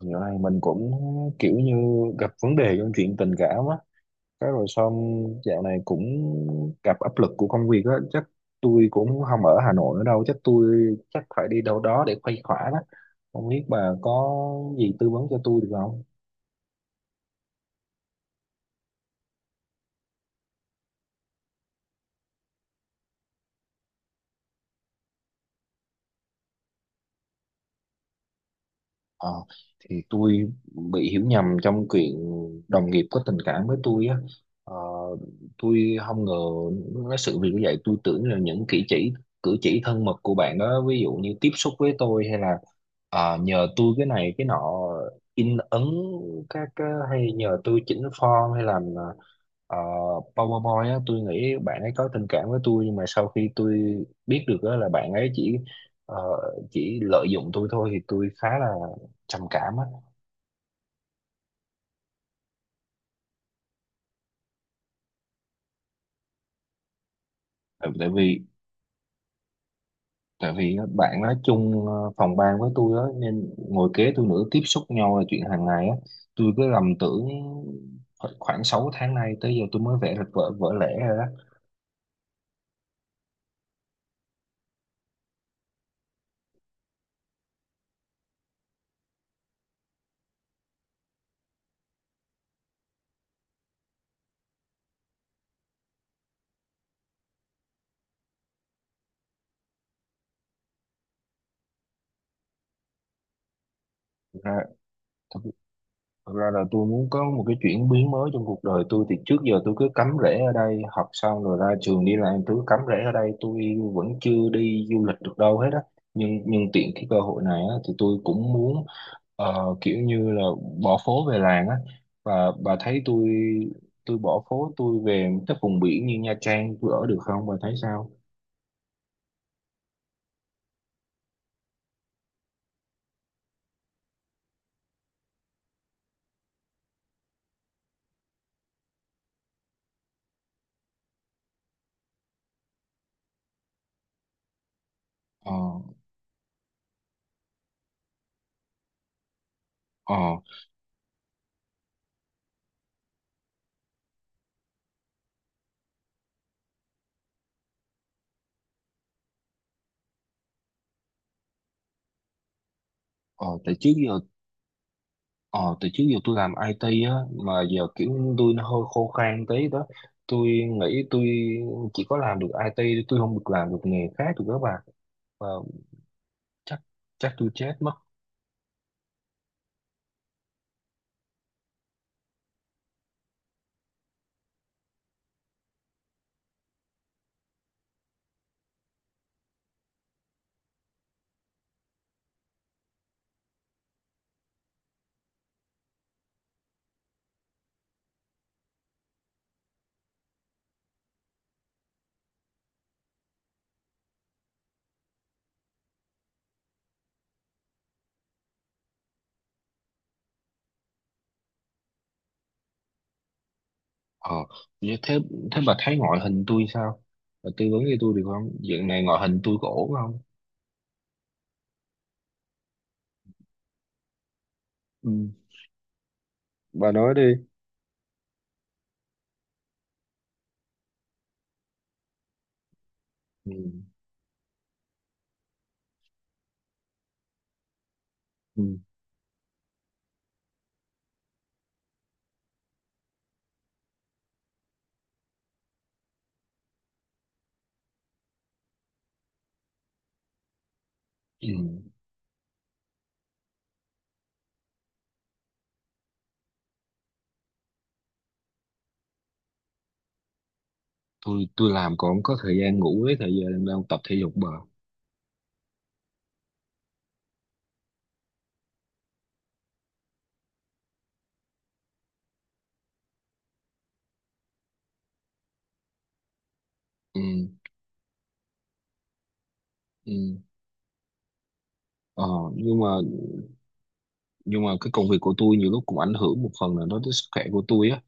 Dạo này mình cũng kiểu như gặp vấn đề trong chuyện tình cảm á, cái rồi xong dạo này cũng gặp áp lực của công việc á, chắc tôi cũng không ở Hà Nội nữa đâu, chắc tôi chắc phải đi đâu đó để khuây khỏa đó. Không biết bà có gì tư vấn cho tôi được không? Ờ, thì tôi bị hiểu nhầm trong chuyện đồng nghiệp có tình cảm với tôi á. Ờ, tôi không ngờ cái sự việc như vậy, tôi tưởng là những cử chỉ thân mật của bạn đó, ví dụ như tiếp xúc với tôi hay là nhờ tôi cái này cái nọ in ấn các cái, hay nhờ tôi chỉnh form hay làm ờ, PowerPoint á. Tôi nghĩ bạn ấy có tình cảm với tôi, nhưng mà sau khi tôi biết được á là bạn ấy chỉ ờ, chỉ lợi dụng tôi thôi, thì tôi khá là trầm cảm á. Tại vì tại vì á, bạn nói chung phòng ban với tôi á, nên ngồi kế tôi nữa, tiếp xúc nhau là chuyện hàng ngày á. Tôi cứ lầm tưởng, khoảng 6 tháng nay tới giờ tôi mới vẽ được vở vỡ lẽ rồi đó. Thực ra Thật ra là tôi muốn có một cái chuyển biến mới trong cuộc đời tôi. Thì trước giờ tôi cứ cắm rễ ở đây, học xong rồi ra trường đi làm, tôi cứ cắm rễ ở đây, tôi vẫn chưa đi du lịch được đâu hết á, nhưng tiện cái cơ hội này á, thì tôi cũng muốn kiểu như là bỏ phố về làng á. Và bà thấy tôi bỏ phố tôi về các vùng biển như Nha Trang tôi ở được không, bà thấy sao? Ờ ờ ờ tại trước giờ Ờ, từ trước giờ tôi làm IT á, mà giờ kiểu tôi nó hơi khô khan tí đó. Tôi nghĩ tôi chỉ có làm được IT, tôi không được làm được nghề khác được các bạn. Và chắc, tôi chết mất. Ờ, như thế, thế bà thấy ngoại hình tôi sao? Bà tư vấn cho tôi được không? Dạng này ngoại hình tôi có ổn không? Ừ, bà nói đi. Ừ, ừ, ừ. Tôi làm còn không có thời gian ngủ với thời gian đang tập thể dục bà. Ừ, ừ. Ờ, nhưng mà nhưng mà cái công việc của tôi nhiều lúc cũng ảnh hưởng một phần là nó tới sức khỏe của tôi á,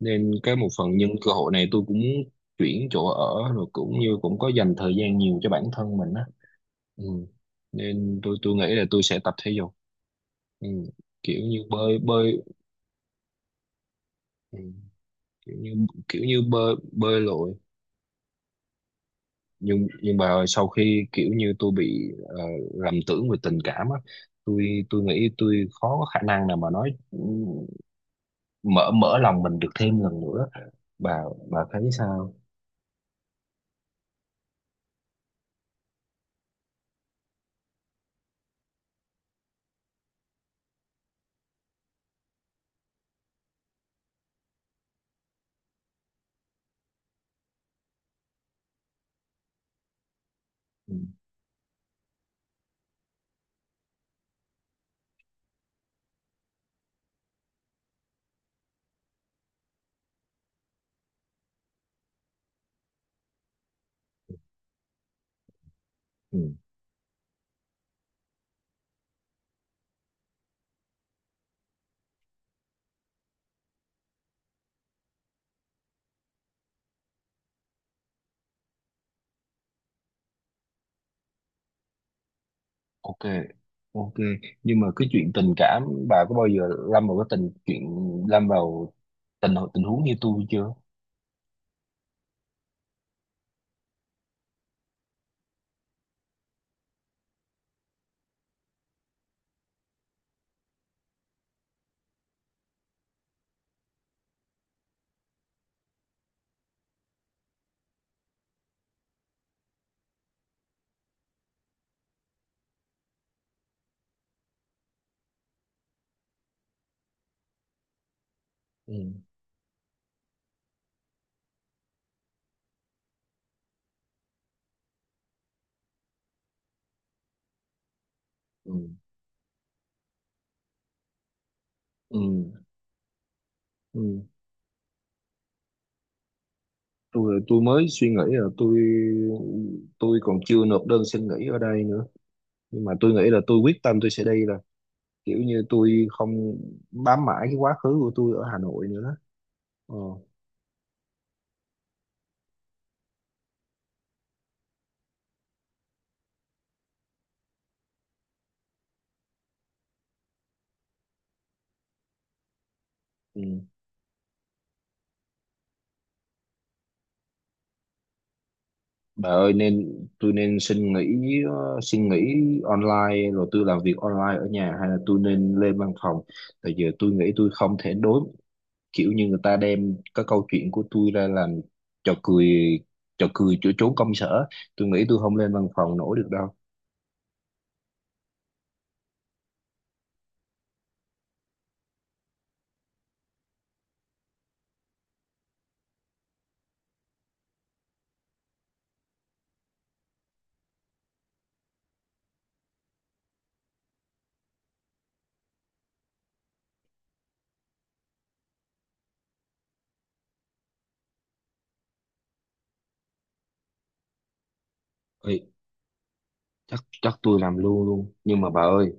nên cái một phần nhân cơ hội này tôi cũng muốn chuyển chỗ ở rồi cũng như cũng có dành thời gian nhiều cho bản thân mình á. Ừ, nên tôi nghĩ là tôi sẽ tập thể dục. Ừ, kiểu như bơi bơi. Ừ, kiểu như kiểu như bơi bơi lội. Nhưng mà sau khi kiểu như tôi bị lầm tưởng về tình cảm á, tôi nghĩ tôi khó có khả năng nào mà nói, mở mở lòng mình được thêm lần nữa. Bà, thấy sao? Ừ, ừ, ok. Ok, nhưng mà cái chuyện tình cảm bà có bao giờ lâm vào cái tình chuyện lâm vào tình tình huống như tôi chưa? ừ, ừ, ừ, ừ. Tôi mới suy nghĩ là tôi còn chưa nộp đơn xin nghỉ ở đây nữa, nhưng mà tôi nghĩ là tôi quyết tâm tôi sẽ đi, là kiểu như tôi không bám mãi cái quá khứ của tôi ở Hà Nội nữa đó. ờ, ừ. Bà ơi, nên tôi nên xin nghỉ, xin nghỉ online rồi tôi làm việc online ở nhà hay là tôi nên lên văn phòng? Tại giờ tôi nghĩ tôi không thể đối, kiểu như người ta đem cái câu chuyện của tôi ra làm trò cười, chỗ trốn công sở, tôi nghĩ tôi không lên văn phòng nổi được đâu. Ê, chắc, tôi làm luôn luôn, nhưng mà bà ơi,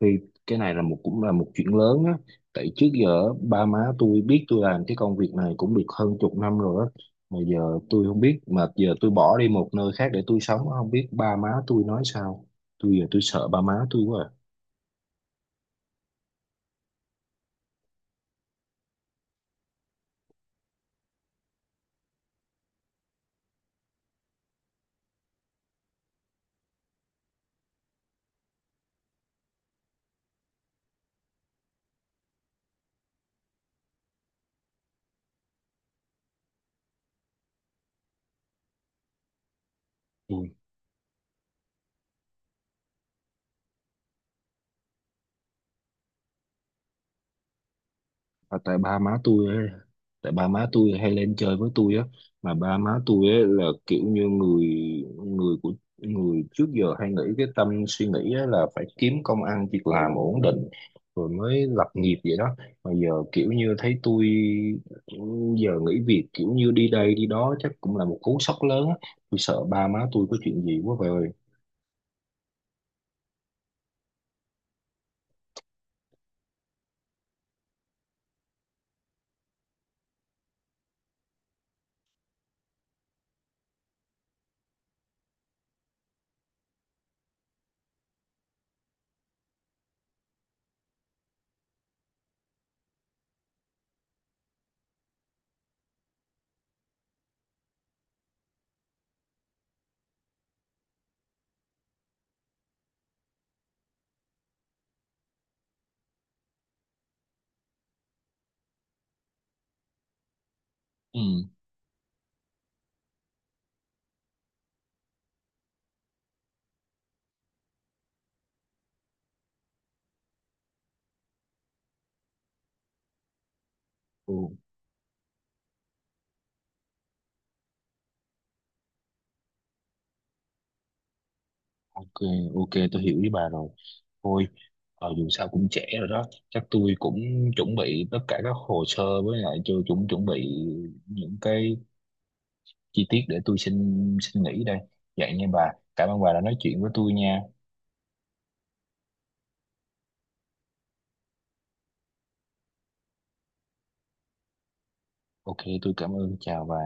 thì cái này là một, cũng là một chuyện lớn á. Tại trước giờ ba má tôi biết tôi làm cái công việc này cũng được hơn chục năm rồi á, mà giờ tôi không biết, mà giờ tôi bỏ đi một nơi khác để tôi sống không biết ba má tôi nói sao. Tôi giờ tôi sợ ba má tôi quá à. Ừ. À, tại ba má tôi ấy, tại ba má tôi hay lên chơi với tôi á, mà ba má tôi ấy là kiểu như người, người của người trước giờ hay nghĩ cái tâm suy nghĩ á là phải kiếm công ăn việc làm ổn định rồi mới lập nghiệp vậy đó. Mà giờ kiểu như thấy tôi giờ nghỉ việc, kiểu như đi đây đi đó, chắc cũng là một cú sốc lớn á. Tôi sợ ba má tôi có chuyện gì quá vậy ơi. Ừ. Ừ. Ok, ok, tôi hiểu với bà rồi. Thôi, dù sao cũng trễ rồi đó. Chắc tôi cũng chuẩn bị tất cả các hồ sơ với lại cho chuẩn, chuẩn bị những cái chi tiết để tôi xin, nghỉ đây. Vậy nha bà. Cảm ơn bà đã nói chuyện với tôi nha. Ok, tôi cảm ơn. Chào bà.